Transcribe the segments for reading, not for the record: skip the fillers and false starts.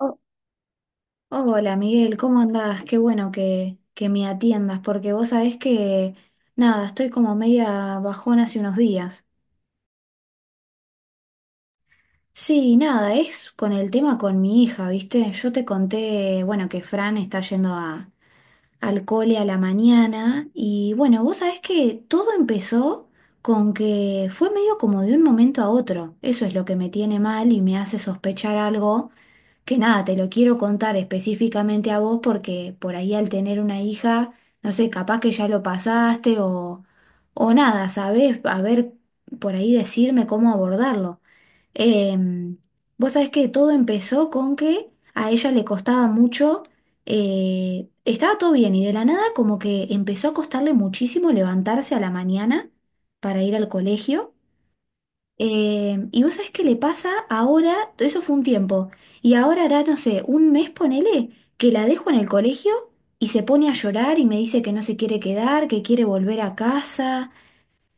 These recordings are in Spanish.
Oh, hola Miguel, ¿cómo andás? Qué bueno que me atiendas, porque vos sabés que, nada, estoy como media bajón hace unos días. Sí, nada, es con el tema con mi hija, ¿viste? Yo te conté, bueno, que Fran está yendo a, al cole a la mañana y bueno, vos sabés que todo empezó con que fue medio como de un momento a otro. Eso es lo que me tiene mal y me hace sospechar algo que nada, te lo quiero contar específicamente a vos porque por ahí al tener una hija, no sé, capaz que ya lo pasaste o nada, ¿sabés? A ver, por ahí decirme cómo abordarlo. Em, Vos sabés que todo empezó con que a ella le costaba mucho, estaba todo bien y de la nada como que empezó a costarle muchísimo levantarse a la mañana para ir al colegio. Y vos sabés qué le pasa ahora, eso fue un tiempo, y ahora hará, no sé, un mes ponele, que la dejo en el colegio y se pone a llorar y me dice que no se quiere quedar, que quiere volver a casa.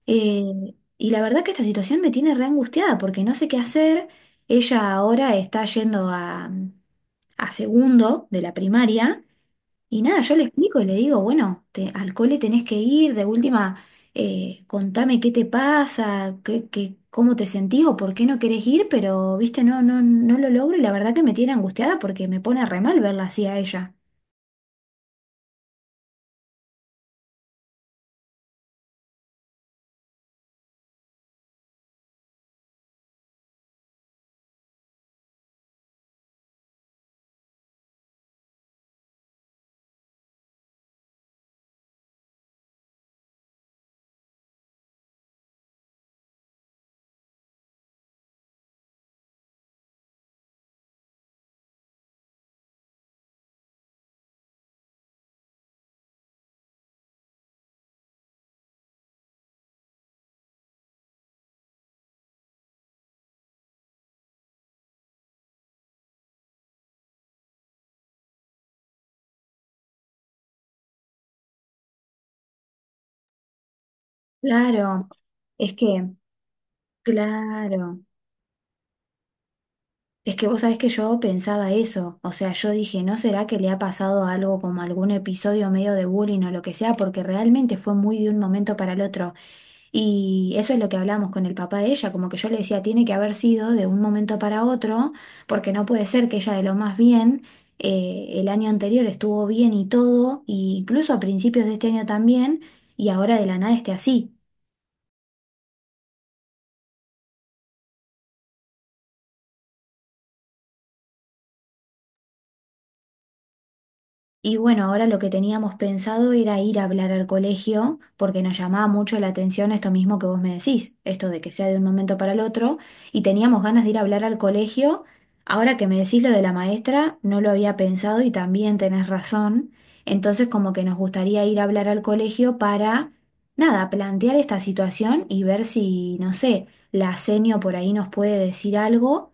Y la verdad que esta situación me tiene re angustiada porque no sé qué hacer. Ella ahora está yendo a segundo de la primaria. Y nada, yo le explico y le digo, bueno, al cole tenés que ir, de última, contame qué te pasa, cómo te sentís o por qué no querés ir, pero, viste, no lo logro y la verdad que me tiene angustiada porque me pone re mal verla así a ella. Claro, es que, claro. Es que vos sabés que yo pensaba eso, o sea, yo dije, ¿no será que le ha pasado algo como algún episodio medio de bullying o lo que sea? Porque realmente fue muy de un momento para el otro. Y eso es lo que hablamos con el papá de ella, como que yo le decía, tiene que haber sido de un momento para otro, porque no puede ser que ella de lo más bien, el año anterior estuvo bien y todo, e incluso a principios de este año también, y ahora de la nada esté así. Y bueno, ahora lo que teníamos pensado era ir a hablar al colegio, porque nos llamaba mucho la atención esto mismo que vos me decís, esto de que sea de un momento para el otro, y teníamos ganas de ir a hablar al colegio. Ahora que me decís lo de la maestra, no lo había pensado y también tenés razón. Entonces, como que nos gustaría ir a hablar al colegio para, nada, plantear esta situación y ver si, no sé, la senio por ahí nos puede decir algo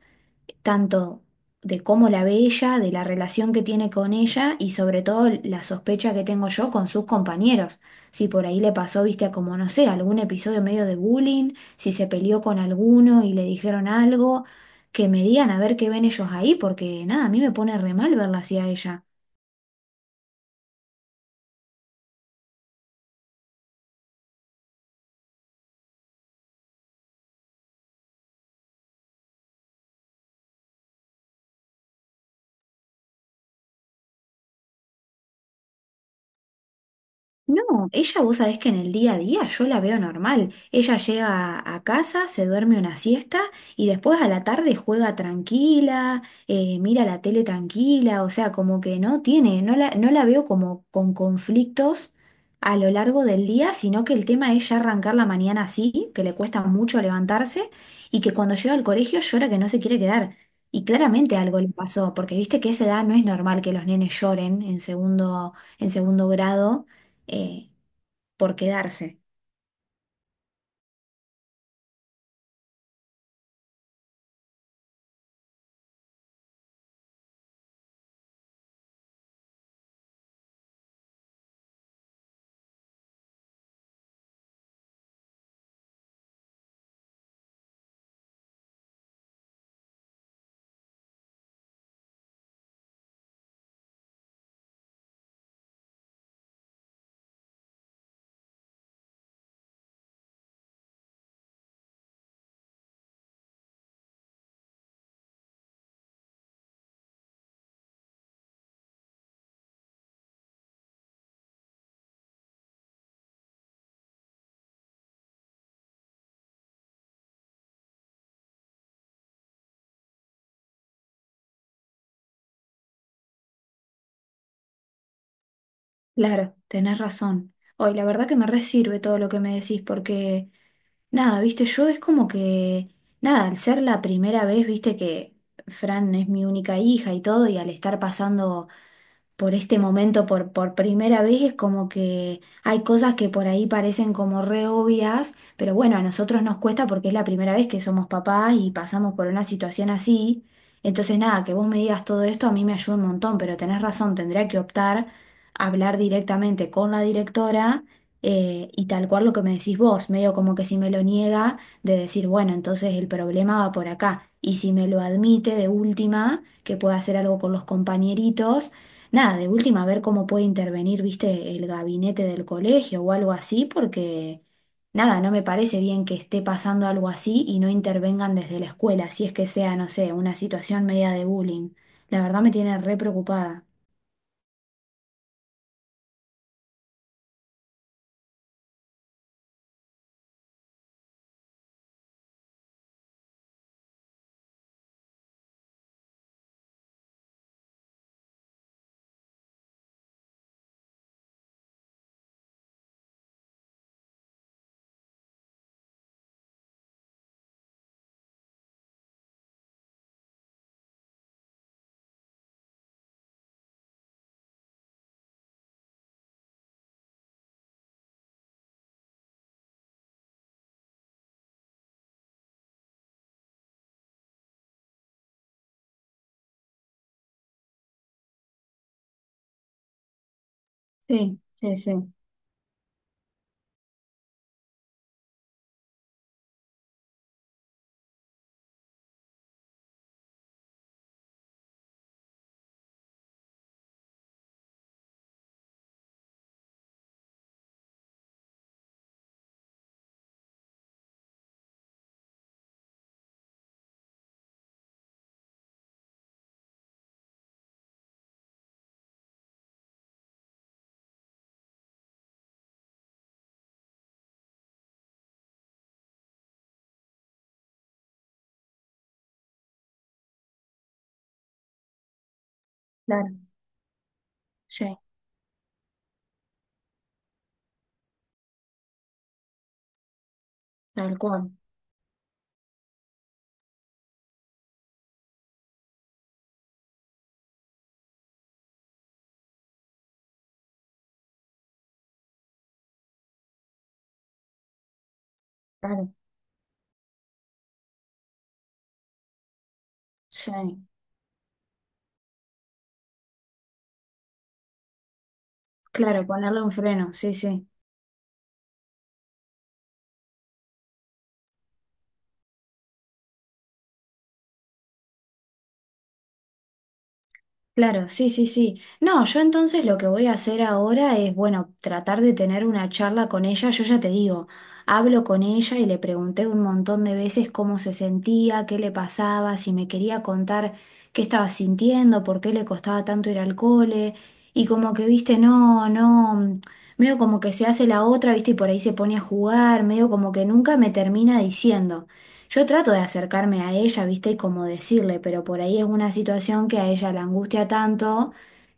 tanto de cómo la ve ella, de la relación que tiene con ella y sobre todo la sospecha que tengo yo con sus compañeros. Si por ahí le pasó, viste, a como no sé, algún episodio medio de bullying, si se peleó con alguno y le dijeron algo, que me digan a ver qué ven ellos ahí, porque nada, a mí me pone re mal verla así a ella. No, ella vos sabés que en el día a día yo la veo normal. Ella llega a casa, se duerme una siesta y después a la tarde juega tranquila, mira la tele tranquila, o sea, como que no tiene, no la veo como con conflictos a lo largo del día, sino que el tema es ya arrancar la mañana así, que le cuesta mucho levantarse y que cuando llega al colegio llora que no se quiere quedar. Y claramente algo le pasó, porque viste que a esa edad no es normal que los nenes lloren en segundo grado eh, por quedarse. Claro, tenés razón. Hoy, la verdad que me resirve todo lo que me decís porque, nada, viste, yo es como que, nada, al ser la primera vez, viste que Fran es mi única hija y todo, y al estar pasando por este momento, por primera vez, es como que hay cosas que por ahí parecen como re obvias, pero bueno, a nosotros nos cuesta porque es la primera vez que somos papás y pasamos por una situación así. Entonces, nada, que vos me digas todo esto a mí me ayuda un montón, pero tenés razón, tendría que optar a hablar directamente con la directora. Y tal cual lo que me decís vos, medio como que si me lo niega, de decir, bueno, entonces el problema va por acá. Y si me lo admite de última, que pueda hacer algo con los compañeritos. Nada, de última, ver cómo puede intervenir, viste, el gabinete del colegio o algo así, porque nada, no me parece bien que esté pasando algo así y no intervengan desde la escuela, si es que sea, no sé, una situación media de bullying. La verdad me tiene re preocupada. Sí, sí, sí, claro, sí, tal cual, claro, sí, claro, ponerle un freno, sí, sí. Claro, sí, sí, sí. No, yo entonces lo que voy a hacer ahora es, bueno, tratar de tener una charla con ella. Yo ya te digo, hablo con ella y le pregunté un montón de veces cómo se sentía, qué le pasaba, si me quería contar qué estaba sintiendo, por qué le costaba tanto ir al cole. Y como que, viste, no, no, medio como que se hace la otra, viste, y por ahí se pone a jugar, medio como que nunca me termina diciendo. Yo trato de acercarme a ella, viste, y como decirle, pero por ahí es una situación que a ella la angustia tanto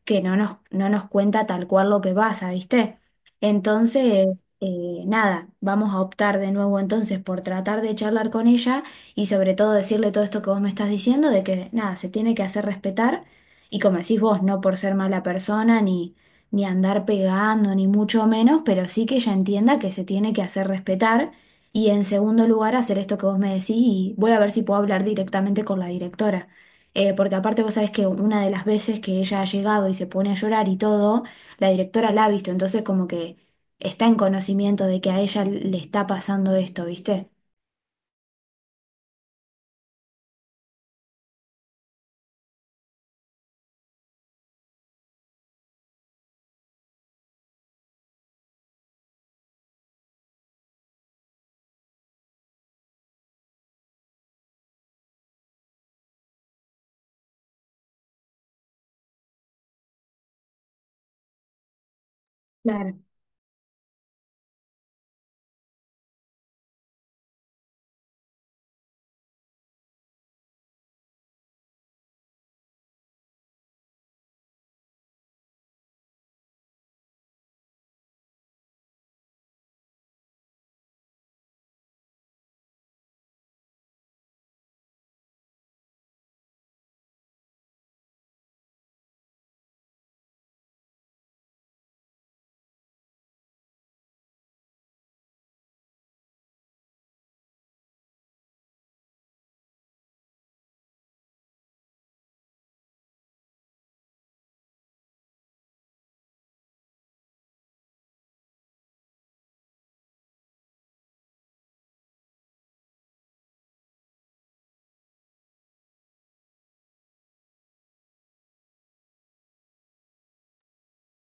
que no nos cuenta tal cual lo que pasa, viste. Entonces, nada, vamos a optar de nuevo entonces por tratar de charlar con ella y sobre todo decirle todo esto que vos me estás diciendo, de que nada, se tiene que hacer respetar y como decís vos, no por ser mala persona ni, ni andar pegando, ni mucho menos, pero sí que ella entienda que se tiene que hacer respetar y en segundo lugar, hacer esto que vos me decís y voy a ver si puedo hablar directamente con la directora. Porque aparte vos sabés que una de las veces que ella ha llegado y se pone a llorar y todo, la directora la ha visto, entonces como que está en conocimiento de que a ella le está pasando esto, ¿viste? Claro.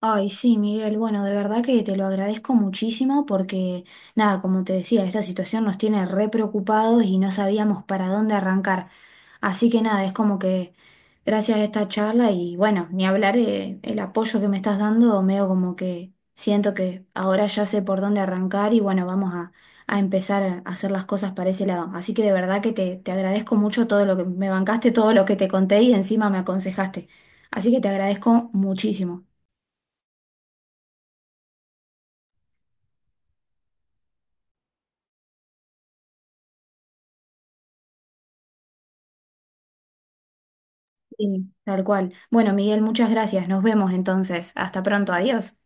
Ay, sí, Miguel, bueno, de verdad que te lo agradezco muchísimo porque, nada, como te decía, esta situación nos tiene re preocupados y no sabíamos para dónde arrancar. Así que nada, es como que gracias a esta charla y bueno, ni hablar el apoyo que me estás dando, medio como que siento que ahora ya sé por dónde arrancar y bueno, vamos a empezar a hacer las cosas para ese lado. Así que de verdad que te agradezco mucho todo lo que me bancaste, todo lo que te conté y encima me aconsejaste. Así que te agradezco muchísimo. Sí, tal cual. Bueno, Miguel, muchas gracias. Nos vemos entonces. Hasta pronto. Adiós.